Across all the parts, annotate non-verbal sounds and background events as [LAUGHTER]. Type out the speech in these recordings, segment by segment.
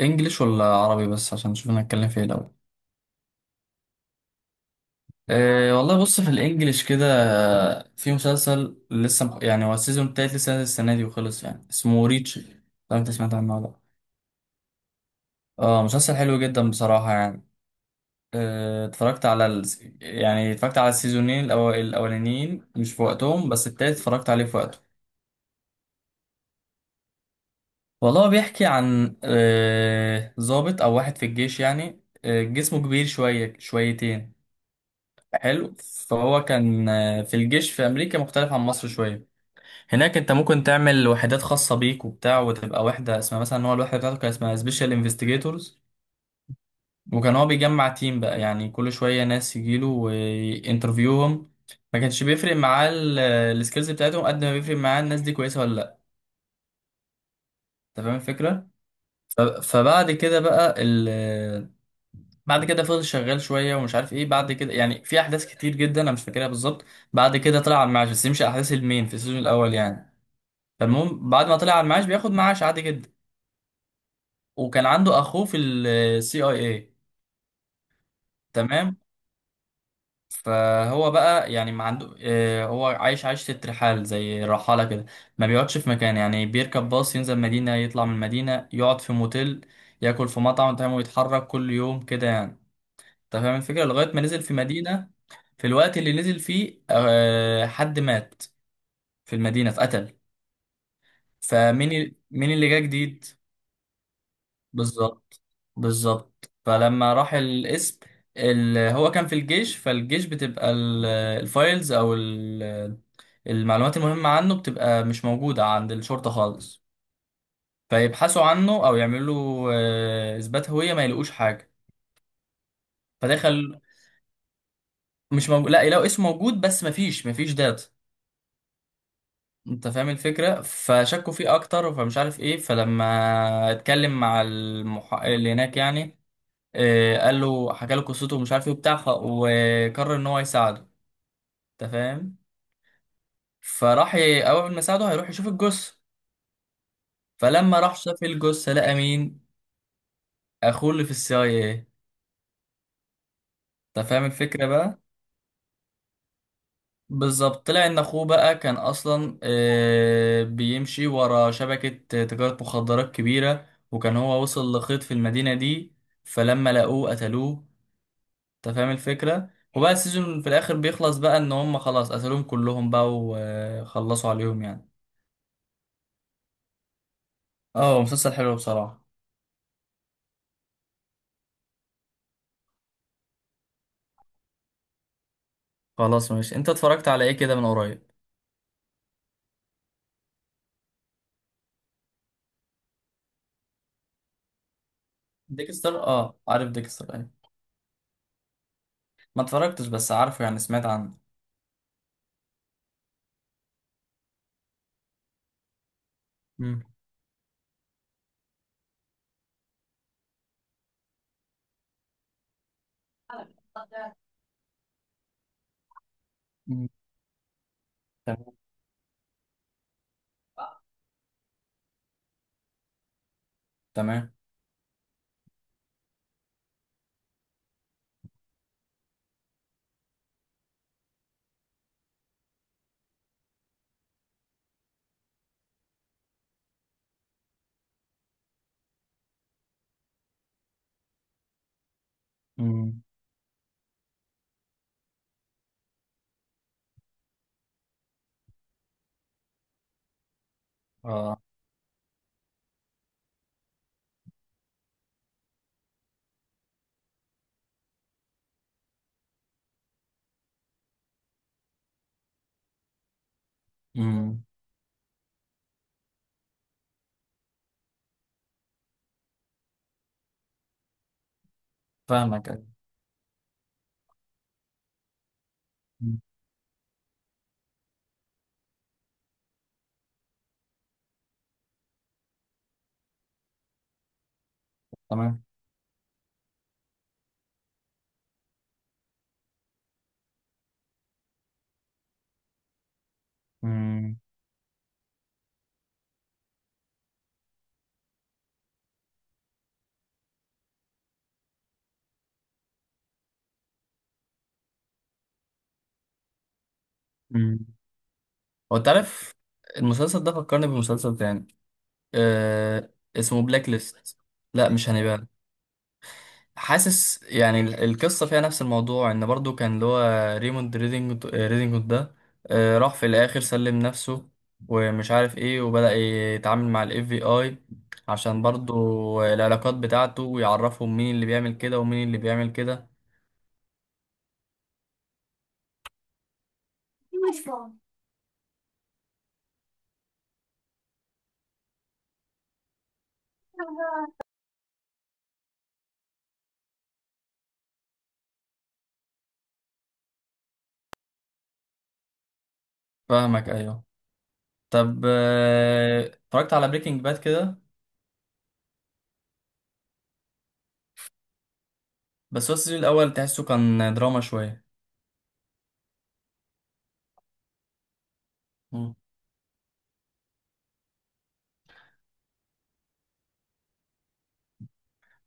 انجليش ولا عربي بس عشان نشوف انا هتكلم في ايه الاول؟ أه والله، بص في الانجليش كده. في مسلسل لسه يعني هو السيزون التالت لسه نازل السنه دي وخلص يعني، اسمه ريتش. لو انت سمعت عنه ولا لأ. اه مسلسل حلو جدا بصراحه يعني. اتفرجت على يعني اتفرجت على السيزونين الاولانيين مش في وقتهم، بس التالت اتفرجت عليه في وقته. والله هو بيحكي عن ضابط او واحد في الجيش يعني، جسمه كبير شويه شويتين. حلو. فهو كان في الجيش. في امريكا مختلف عن مصر شويه، هناك انت ممكن تعمل وحدات خاصه بيك وبتاع وتبقى وحده اسمها، مثلا هو الوحده بتاعته كان اسمها سبيشال انفستيجيتورز. وكان هو بيجمع تيم بقى يعني، كل شويه ناس يجيله وانترفيوهم. ما كانش بيفرق معاه السكيلز بتاعتهم قد ما بيفرق معاه الناس دي كويسه ولا لا. انت فاهم الفكره. فبعد كده بقى، بعد كده فضل شغال شويه ومش عارف ايه، بعد كده يعني في احداث كتير جدا انا مش فاكرها بالظبط. بعد كده طلع على المعاش، بس دي مش احداث المين في السيزون الاول يعني. فالمهم بعد ما طلع على المعاش بياخد معاش عادي جدا. وكان عنده اخوه في السي اي اي. تمام. فهو بقى يعني ما عنده هو عايش عيشة الرحال زي الرحالة كده. ما بيقعدش في مكان يعني، بيركب باص ينزل مدينة، يطلع من المدينة يقعد في موتيل، ياكل في مطعم، تمام، ويتحرك كل يوم كده يعني. انت فاهم الفكرة؟ لغاية ما نزل في مدينة. في الوقت اللي نزل فيه حد مات في المدينة، اتقتل. فمين مين اللي جه جديد. بالظبط. بالظبط. فلما راح الاسم هو كان في الجيش، فالجيش بتبقى الفايلز او المعلومات المهمة عنه بتبقى مش موجودة عند الشرطة خالص. فيبحثوا عنه أو يعملوا له إثبات هوية، ما يلاقوش حاجة. فدخل. مش موجود، لا يلاقوا اسمه موجود بس مفيش داتا. انت فاهم الفكره. فشكوا فيه اكتر، فمش عارف ايه. فلما اتكلم مع المحقق اللي هناك يعني، اه قال له، حكى له قصته ومش عارف ايه وبتاع، وقرر ان هو يساعده. انت فاهم. فراح اول ما ساعده هيروح يشوف الجثه. فلما راح شاف الجثه لقى مين؟ اخوه اللي في السي اي ايه. انت فاهم الفكره بقى. بالظبط. طلع ان اخوه بقى كان اصلا بيمشي ورا شبكة تجارة مخدرات كبيرة، وكان هو وصل لخيط في المدينة دي. فلما لقوه قتلوه. انت فاهم الفكرة. وبقى السيزون في الاخر بيخلص بقى ان هم خلاص قتلوهم كلهم بقى وخلصوا عليهم يعني. اه مسلسل حلو بصراحة. خلاص ماشي. انت اتفرجت على ايه كده من قريب؟ ديكستر؟ اه عارف ديكستر ايه. ما اتفرجتش بس عارفه يعني، سمعت عنه. مم. مم. تمام. تمام. مم. اه. مم. فاهمك. مم. تمام. مم. مم. هو انت عارف المسلسل ده فكرني بمسلسل تاني. آه، اسمه بلاك ليست. لا مش هانيبال. حاسس يعني القصة فيها نفس الموضوع، ان برضو كان اللي هو ريموند ريدنجوت ده، آه راح في الاخر سلم نفسه ومش عارف ايه، وبدأ يتعامل مع الاف بي اي عشان برضو العلاقات بتاعته، ويعرفهم مين اللي بيعمل كده ومين اللي بيعمل كده. فاهمك ايوه. طب اتفرجت على بريكنج باد كده؟ بس هو السيزون الاول تحسه كان دراما شويه. مم.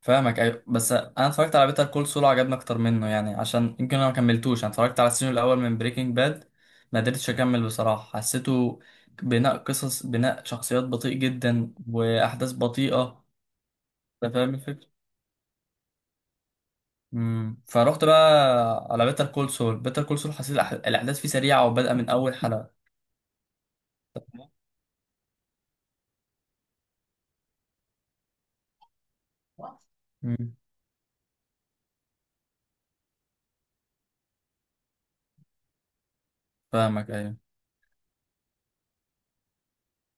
فاهمك ايوه، بس انا اتفرجت على بيتر كول سول عجبني اكتر منه يعني، عشان يمكن انا ما كملتوش. انا اتفرجت على السيزون الاول من بريكنج باد ما قدرتش اكمل بصراحه. حسيته بناء قصص، بناء شخصيات بطيء جدا، واحداث بطيئه. انت فاهم الفكره. امم. فروحت بقى على بيتر كول سول. بيتر كول سول حسيت الاحداث فيه سريعه وبادئه من اول حلقه. [LAUGHS] امم. فاهمك ايوه.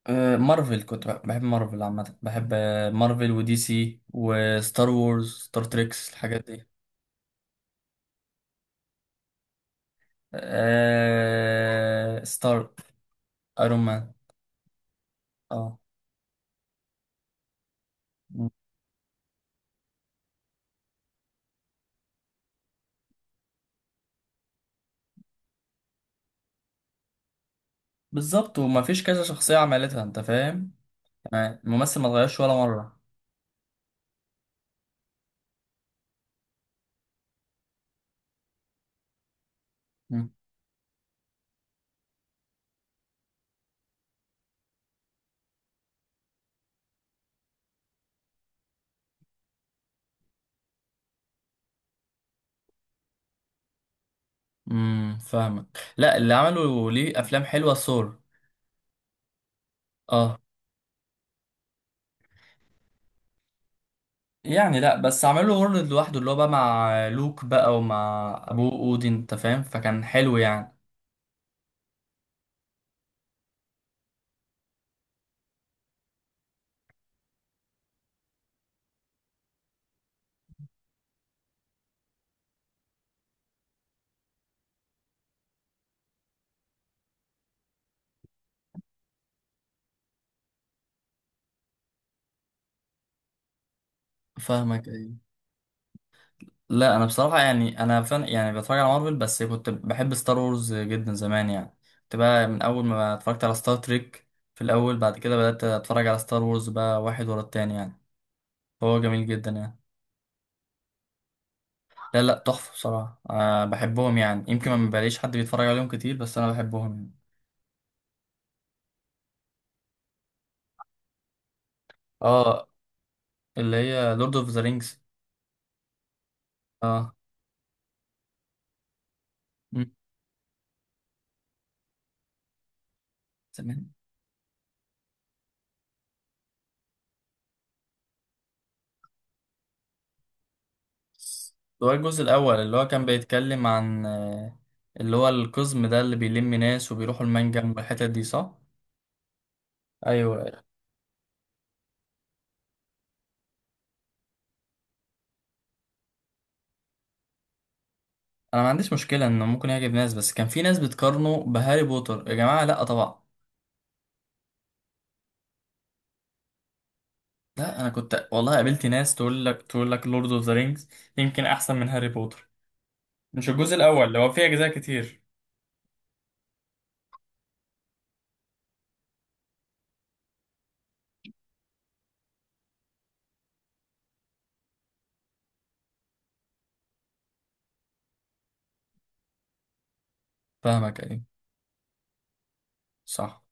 مارفل، كنت بحب مارفل عامة، بحب مارفل ودي سي وستار وورز ستار تريكس، الحاجات دي. ستار، ايرون مان. اه. م. بالظبط، وما فيش كذا شخصية عملتها. انت فاهم. تمام، الممثل ما اتغيرش ولا مرة. م. فاهمك. لا اللي عملوا ليه افلام حلوة ثور. اه. يعني لا، بس عملوا وورلد لوحده اللي هو بقى مع لوك بقى ومع ابوه اودين، انت فاهم، فكان حلو يعني. فاهمك أيوه. لا انا بصراحه يعني، انا فن يعني بتفرج على مارفل، بس كنت بحب ستار وورز جدا زمان يعني. كنت بقى من اول ما اتفرجت على ستار تريك في الاول، بعد كده بدات اتفرج على ستار وورز بقى واحد ورا التاني يعني. فهو جميل جدا يعني. لا لا تحفه بصراحه، أه بحبهم يعني، يمكن ما بلاقيش حد بيتفرج عليهم كتير بس انا بحبهم يعني. اه. اللي هي لورد اوف ذا رينجز. اه. مم، تمام. اللي هو الجزء الأول اللي هو كان بيتكلم عن اللي هو القزم ده اللي بيلم ناس وبيروحوا المنجم والحتت دي، صح؟ ايوه. انا ما عنديش مشكله انه ممكن يعجب ناس، بس كان في ناس بتقارنه بهاري بوتر، يا جماعه لا طبعا. لا انا كنت والله قابلت ناس تقول لك لورد اوف ذا رينجز يمكن احسن من هاري بوتر. مش الجزء الاول اللي هو فيه اجزاء كتير. فاهمك ايوه. صح.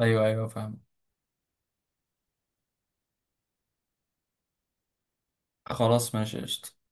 ايوه ايوه فاهم. خلاص ماشي قشطة.